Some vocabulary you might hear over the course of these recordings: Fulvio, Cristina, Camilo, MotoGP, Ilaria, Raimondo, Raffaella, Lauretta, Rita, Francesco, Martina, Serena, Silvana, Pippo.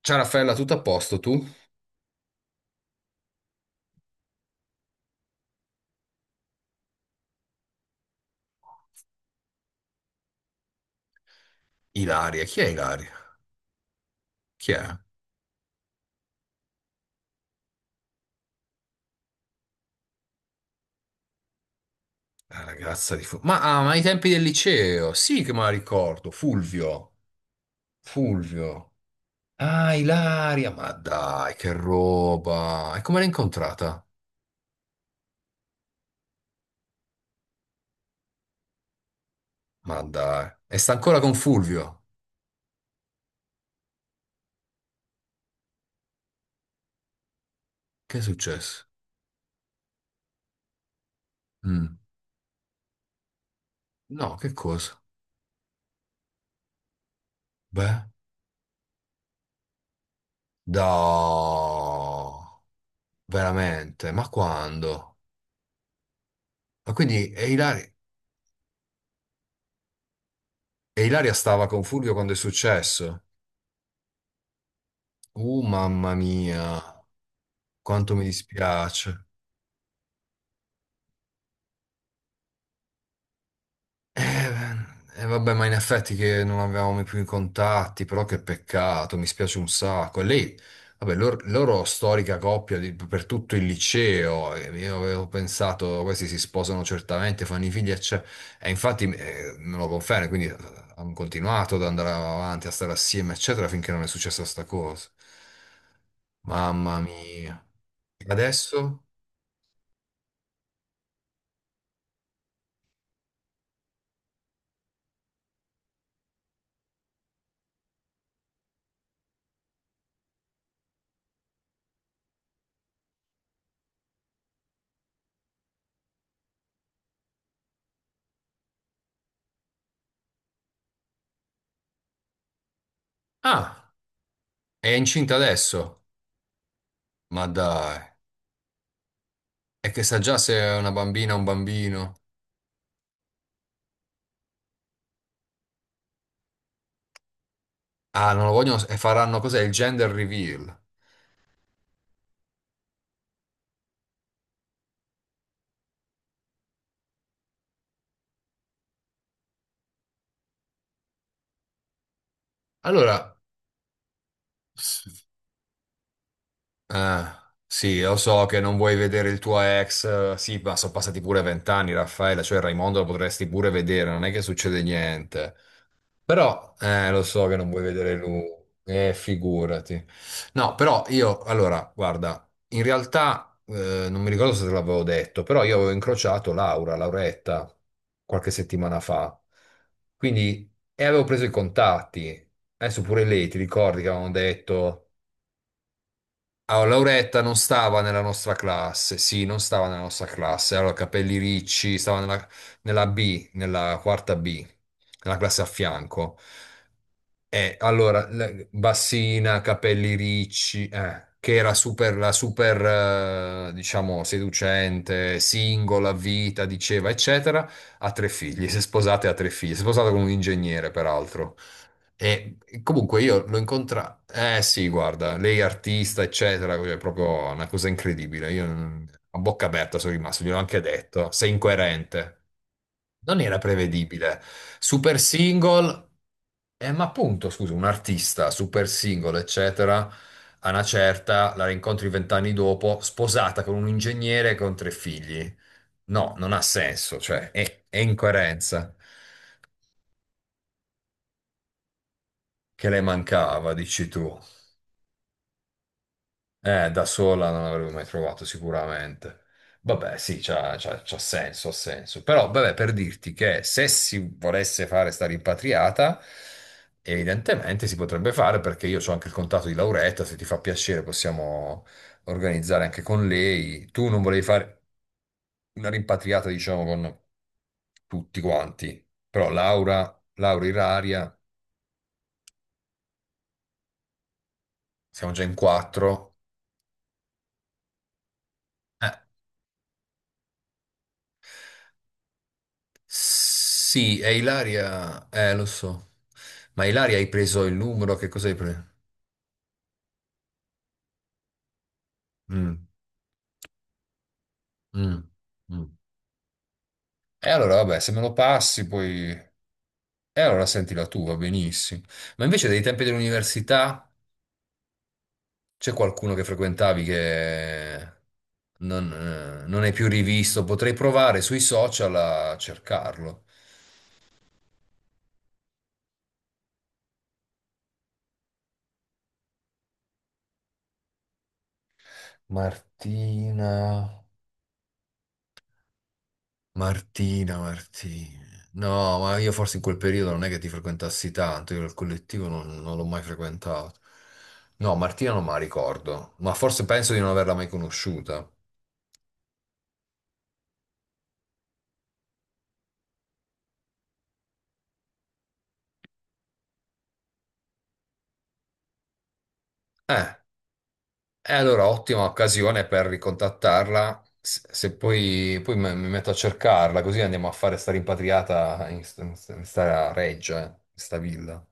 Ciao Raffaella, tutto a posto tu? Ilaria, chi è Ilaria? Chi è? La ragazza di Fulvio. Ma ai tempi del liceo, sì che me la ricordo, Fulvio, Fulvio. Ah, Ilaria, ma dai, che roba. E come l'hai incontrata? Ma dai, e sta ancora con Fulvio? Che è successo? Mm. No, che cosa? Beh, no, veramente, ma quando? Ma quindi, e Ilaria stava con Fulvio quando è successo? Mamma mia, quanto mi dispiace. E vabbè, ma in effetti che non avevamo mai più i contatti, però che peccato, mi spiace un sacco. E lei, vabbè, loro storica coppia per tutto il liceo, e io avevo pensato, questi si sposano certamente, fanno i figli, eccetera. E infatti me lo conferma, quindi hanno continuato ad andare avanti, a stare assieme, eccetera, finché non è successa sta cosa. Mamma mia. E adesso? Ah! È incinta adesso? Ma dai, è che sa già se è una bambina o un bambino. Ah, non lo vogliono e faranno cos'è? Il gender reveal. Allora, s- ah, sì, lo so che non vuoi vedere il tuo ex, sì, ma sono passati pure 20 anni, Raffaella, cioè Raimondo lo potresti pure vedere, non è che succede niente. Però, lo so che non vuoi vedere lui, figurati. No, però io, allora, guarda, in realtà, non mi ricordo se te l'avevo detto, però io avevo incrociato Laura, Lauretta, qualche settimana fa. Quindi, e avevo preso i contatti. Adesso pure lei, ti ricordi che avevano detto, ah, Lauretta non stava nella nostra classe, sì, non stava nella nostra classe, allora capelli ricci, stava nella B, nella quarta B, nella classe a fianco. Allora, bassina, capelli ricci, che era super, la super, diciamo, seducente, singola, vita, diceva, eccetera, ha tre figli, si è sposata e ha tre figli, si è sposata con un ingegnere, peraltro. E comunque io l'ho incontrata, eh sì, guarda, lei è artista, eccetera, cioè, è proprio una cosa incredibile, io a bocca aperta sono rimasto, gliel'ho anche detto, sei incoerente. Non era prevedibile. Super single. Ma appunto, scusa, un artista super singolo, eccetera, a una certa la rincontri 20 anni dopo, sposata con un ingegnere con tre figli. No, non ha senso, cioè è incoerenza che le mancava, dici tu. Da sola non l'avrei mai trovato sicuramente. Vabbè, sì, c'ha senso, ha senso. Però, vabbè, per dirti che se si volesse fare sta rimpatriata, evidentemente si potrebbe fare perché io ho anche il contatto di Lauretta, se ti fa piacere possiamo organizzare anche con lei. Tu non volevi fare una rimpatriata, diciamo, con tutti quanti, però Laura, Laura Iraria, siamo già in quattro. Eh, Sì, è Ilaria, lo so. Ma Ilaria hai preso il numero, che cosa hai preso? Mm, mm, mm. E allora, vabbè, se me lo passi, poi. E allora sentila tu, va benissimo. Ma invece dai tempi dell'università c'è qualcuno che frequentavi che non, non hai più rivisto? Potrei provare sui social a cercarlo. Martina. Martina, Martina. No, ma io forse in quel periodo non è che ti frequentassi tanto, io il collettivo non l'ho mai frequentato. No, Martina non me la ricordo, ma forse penso di non averla mai conosciuta. Eh, e allora ottima occasione per ricontattarla, se poi mi metto a cercarla, così andiamo a fare sta rimpatriata in sta reggia, in sta villa.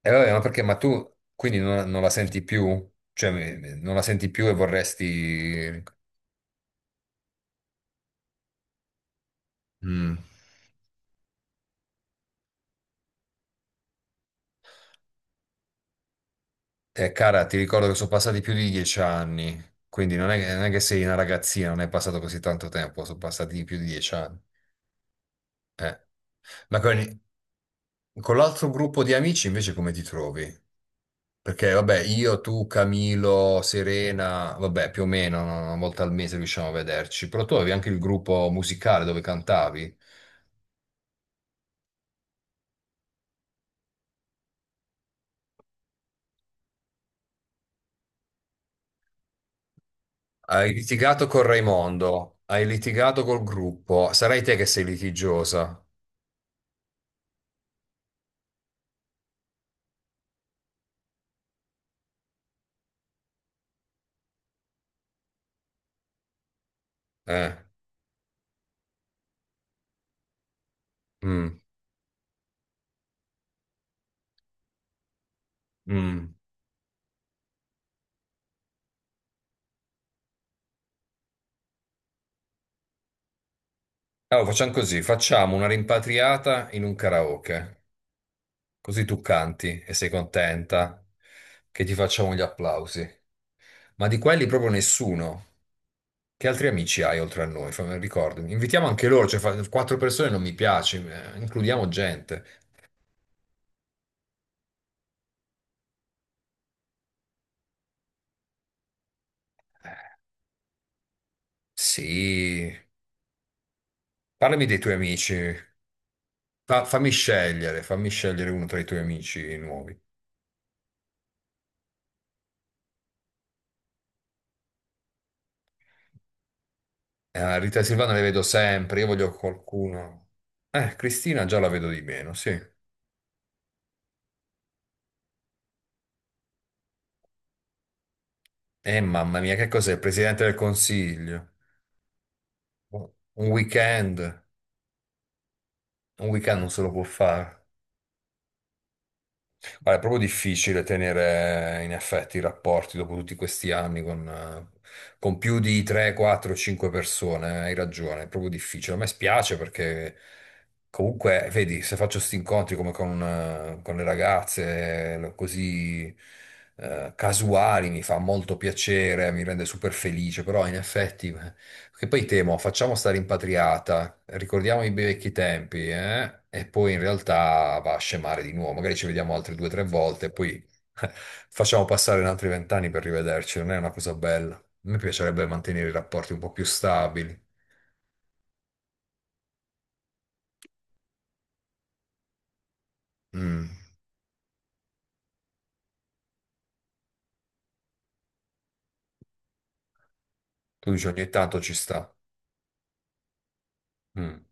E vabbè, ma perché, ma tu quindi non la senti più? Cioè, non la senti più e vorresti. Mm. Cara, ti ricordo che sono passati più di 10 anni, quindi non è che sei una ragazzina, non è passato così tanto tempo, sono passati più di 10 anni. Eh. Ma con l'altro gruppo di amici invece come ti trovi? Perché vabbè, io, tu, Camilo, Serena, vabbè, più o meno no, una volta al mese riusciamo a vederci, però tu avevi anche il gruppo musicale dove cantavi. Hai litigato con Raimondo, hai litigato col gruppo, sarai te che sei litigiosa. Eh. Mm, mm. Allora, facciamo così, facciamo una rimpatriata in un karaoke, così tu canti e sei contenta che ti facciamo gli applausi. Ma di quelli proprio nessuno. Che altri amici hai oltre a noi? Ricordami. Invitiamo anche loro, cioè quattro persone non mi piace, includiamo gente. Eh, Sì, parlami dei tuoi amici. Fammi scegliere, fammi scegliere uno tra i tuoi amici nuovi. Rita e Silvana le vedo sempre, io voglio qualcuno. Cristina già la vedo di meno, sì. Mamma mia, che cos'è? Il Presidente del Consiglio? Un weekend? Un weekend non se lo può fare. Guarda, è proprio difficile tenere in effetti i rapporti dopo tutti questi anni con più di 3, 4, 5 persone. Hai ragione, è proprio difficile. A me spiace perché comunque, vedi, se faccio questi incontri come con le ragazze, così casuali, mi fa molto piacere, mi rende super felice, però in effetti. Che poi temo, facciamo sta rimpatriata, ricordiamo i bei vecchi tempi, eh? E poi in realtà va a scemare di nuovo, magari ci vediamo altre due o tre volte, poi facciamo passare un altri 20 anni per rivederci, non è una cosa bella. A me piacerebbe mantenere i rapporti un po' più stabili. Mm. Tu dici ogni tanto ci sta. Mm.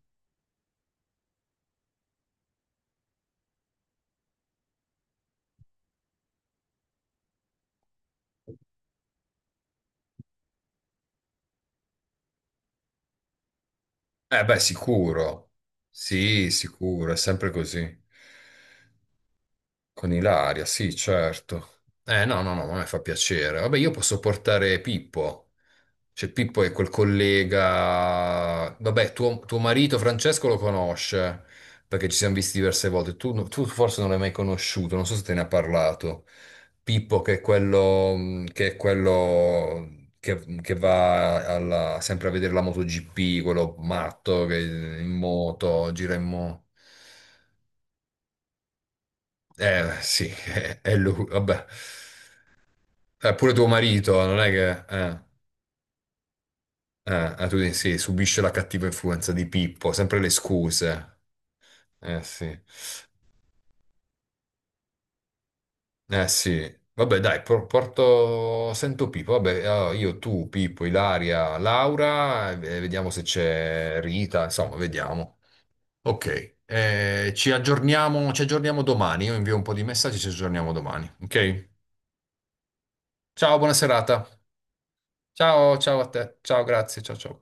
Eh beh, sicuro. Sì, sicuro, è sempre così. Con Ilaria, sì, certo. No, no, no, ma a me fa piacere. Vabbè, io posso portare Pippo. Cioè, Pippo è quel collega. Vabbè, tuo marito Francesco lo conosce, perché ci siamo visti diverse volte. Tu forse non l'hai mai conosciuto, non so se te ne ha parlato. Pippo, che è quello, è quello che va sempre a vedere la MotoGP, quello matto che in moto, gira in moto. Sì, è lui, vabbè. Pure tuo marito, non è che. Tu dici, sì, subisce la cattiva influenza di Pippo, sempre le scuse. Eh sì. Eh sì. Vabbè, dai, porto. Sento Pippo. Vabbè, allora, io, tu, Pippo, Ilaria, Laura, e vediamo se c'è Rita, insomma, vediamo. Ok. Ci aggiorniamo domani. Io invio un po' di messaggi, ci aggiorniamo domani. Ok? Ciao, buona serata. Ciao, ciao a te. Ciao, grazie. Ciao, ciao.